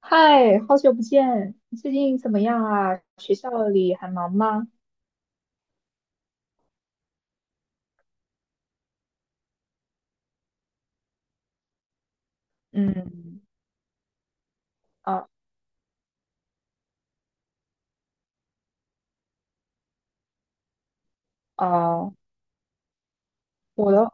嗨，好久不见，你最近怎么样啊？学校里还忙吗？嗯，啊啊，我的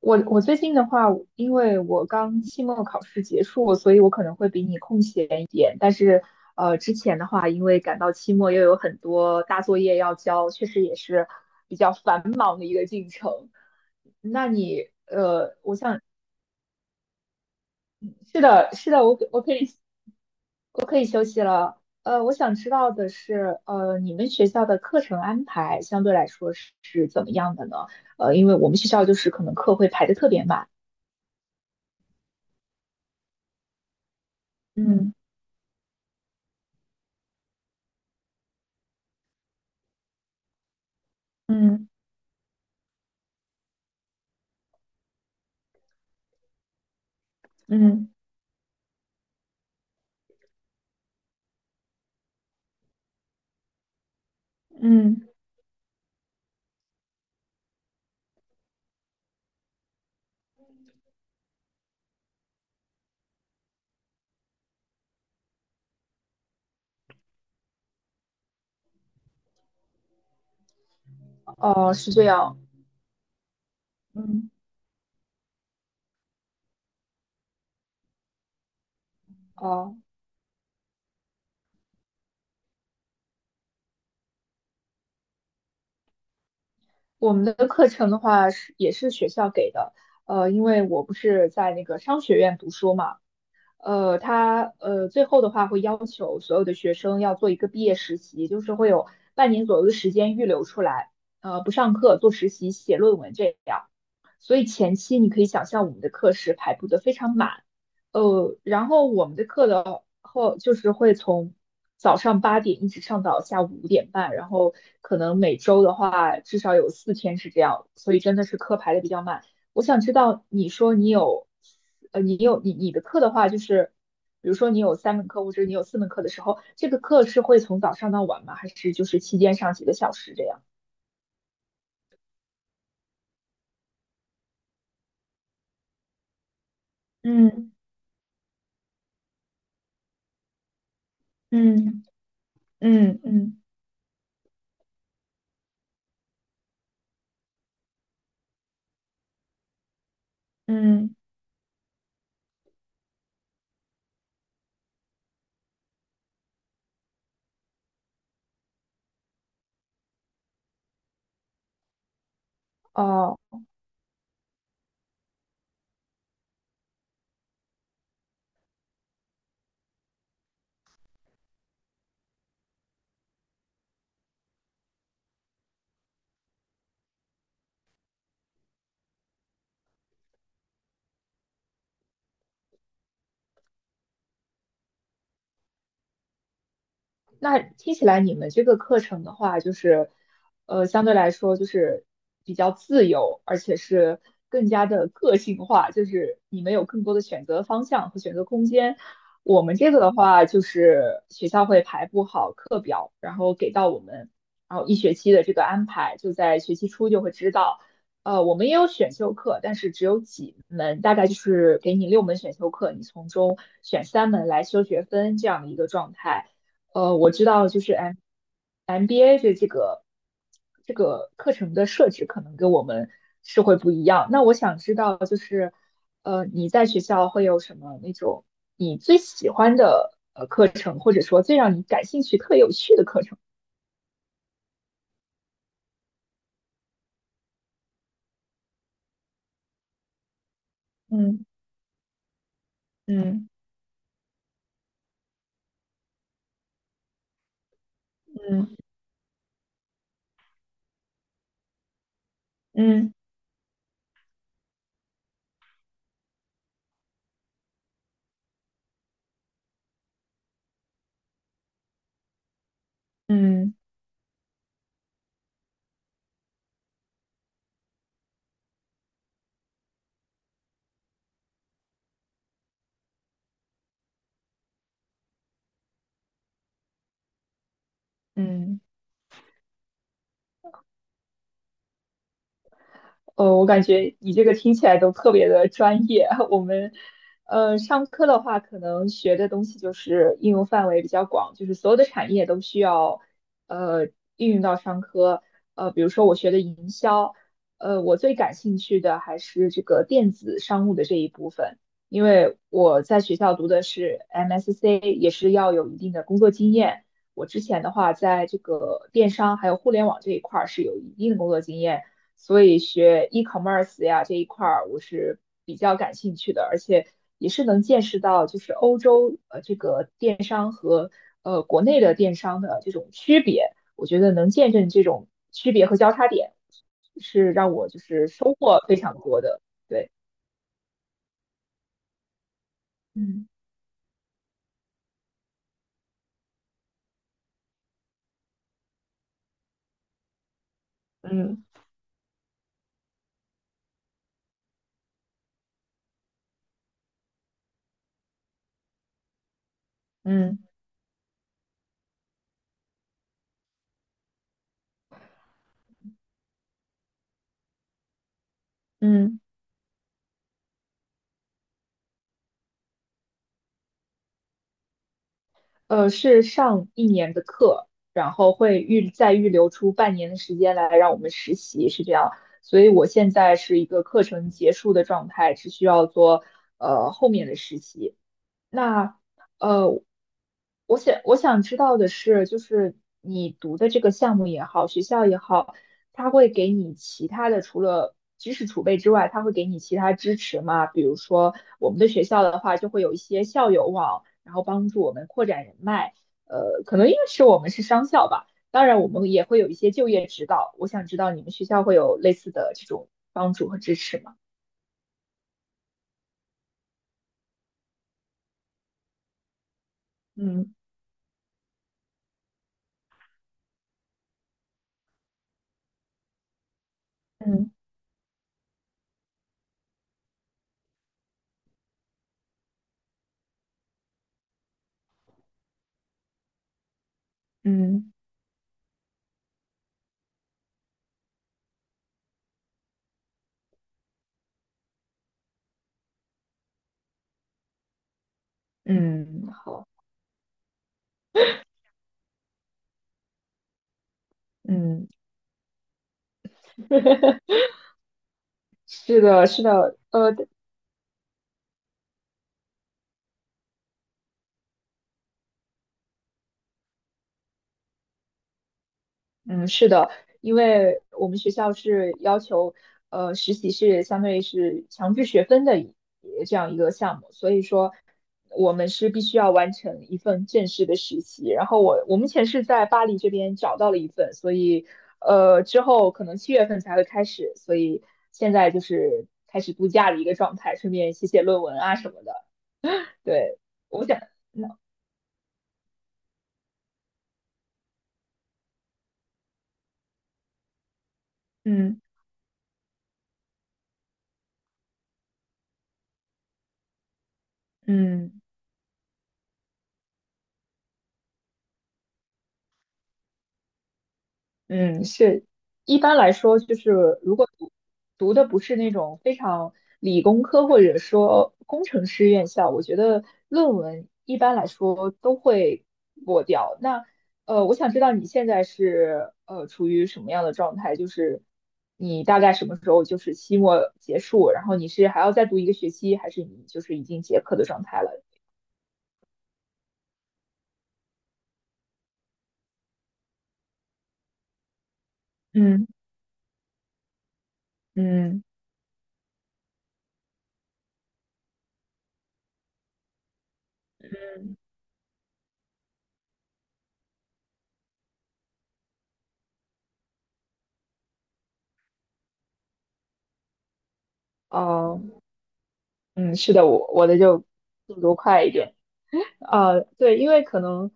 我最近的话，因为我刚期末考试结束，所以我可能会比你空闲一点。但是之前的话，因为赶到期末又有很多大作业要交，确实也是比较繁忙的一个进程。那你我想是的，是的，我可以。我想知道的是，你们学校的课程安排相对来说是怎么样的呢？因为我们学校就是可能课会排得特别满，嗯，嗯嗯嗯嗯哦，是这样。嗯哦，我们的课程的话是也是学校给的，因为我不是在那个商学院读书嘛，他最后的话会要求所有的学生要做一个毕业实习，就是会有半年左右的时间预留出来，不上课，做实习、写论文这样。所以前期你可以想象我们的课时排布的非常满，然后我们的课的后就是会从早上八点一直上到下午五点半，然后可能每周的话至少有四天是这样，所以真的是课排的比较满。我想知道你说你有，你有你的课的话就是。比如说你有三门课或者你有四门课的时候，这个课是会从早上到晚吗？还是就是期间上几个小时这样？嗯嗯嗯嗯嗯。嗯哦，那听起来你们这个课程的话，就是，相对来说就是比较自由，而且是更加的个性化，就是你们有更多的选择方向和选择空间。我们这个的话，就是学校会排布好课表，然后给到我们，然后一学期的这个安排，就在学期初就会知道。我们也有选修课，但是只有几门，大概就是给你六门选修课，你从中选三门来修学分这样的一个状态。我知道就是哎 MBA 的这个课程的设置可能跟我们是会不一样。那我想知道就是，你在学校会有什么那种你最喜欢的课程，或者说最让你感兴趣、特有趣的课程？嗯嗯嗯嗯嗯嗯。我感觉你这个听起来都特别的专业。我们，上课的话，可能学的东西就是应用范围比较广，就是所有的产业都需要，呃，应用到商科。比如说我学的营销，我最感兴趣的还是这个电子商务的这一部分，因为我在学校读的是 MSC，也是要有一定的工作经验。我之前的话，在这个电商还有互联网这一块儿是有一定的工作经验。所以学 e-commerce 呀这一块儿我是比较感兴趣的，而且也是能见识到就是欧洲这个电商和国内的电商的这种区别，我觉得能见证这种区别和交叉点，是让我就是收获非常多的。对，嗯嗯嗯嗯。是上一年的课，然后会再预留出半年的时间来让我们实习，是这样。所以我现在是一个课程结束的状态，只需要做后面的实习。那呃，我想知道的是，就是你读的这个项目也好，学校也好，它会给你其他的除了知识储备之外，它会给你其他支持吗？比如说我们的学校的话，就会有一些校友网，然后帮助我们扩展人脉。可能因为我们是商校吧，当然我们也会有一些就业指导。我想知道你们学校会有类似的这种帮助和支持吗？嗯嗯嗯嗯，好，嗯。是的，是的，嗯，是的，因为我们学校是要求，实习是相当于是强制学分的一这样一个项目，所以说我们是必须要完成一份正式的实习。然后我目前是在巴黎这边找到了一份，所以之后可能七月份才会开始，所以现在就是开始度假的一个状态，顺便写写论文啊什么的。对，我想，嗯嗯。嗯嗯，是，一般来说，就是如果读读的不是那种非常理工科或者说工程师院校，我觉得论文一般来说都会过掉。那我想知道你现在是处于什么样的状态？就是你大概什么时候就是期末结束，然后你是还要再读一个学期，还是你就是已经结课的状态了？嗯嗯。嗯哦，嗯，是的，我我的就速度快一点。对，因为可能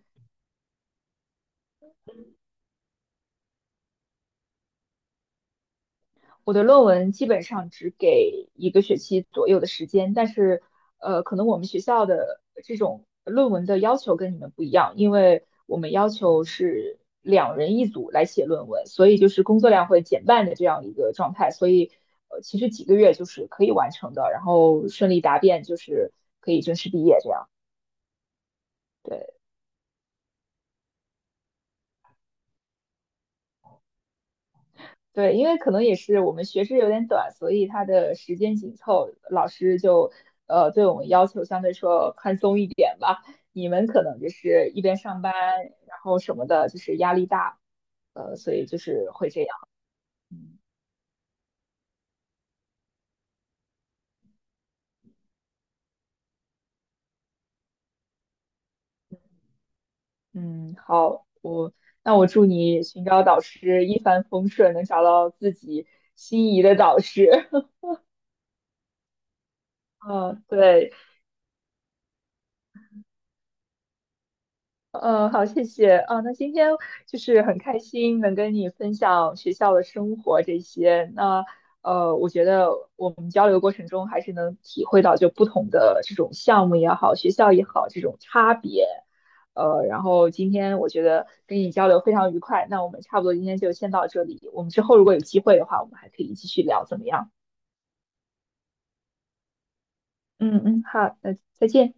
我的论文基本上只给一个学期左右的时间，但是可能我们学校的这种论文的要求跟你们不一样，因为我们要求是两人一组来写论文，所以就是工作量会减半的这样一个状态，所以其实几个月就是可以完成的，然后顺利答辩就是可以正式毕业这样。对。对，因为可能也是我们学制有点短，所以它的时间紧凑，老师就对我们要求相对说宽松一点吧。你们可能就是一边上班，然后什么的，就是压力大，所以就是会这样。嗯嗯，好，我那我祝你寻找导师一帆风顺，能找到自己心仪的导师。嗯，对。好，谢谢啊。那今天就是很开心能跟你分享学校的生活这些。那我觉得我们交流过程中还是能体会到就不同的这种项目也好，学校也好，这种差别。然后今天我觉得跟你交流非常愉快。那我们差不多今天就先到这里。我们之后如果有机会的话，我们还可以继续聊，怎么样？嗯嗯，好，那再见。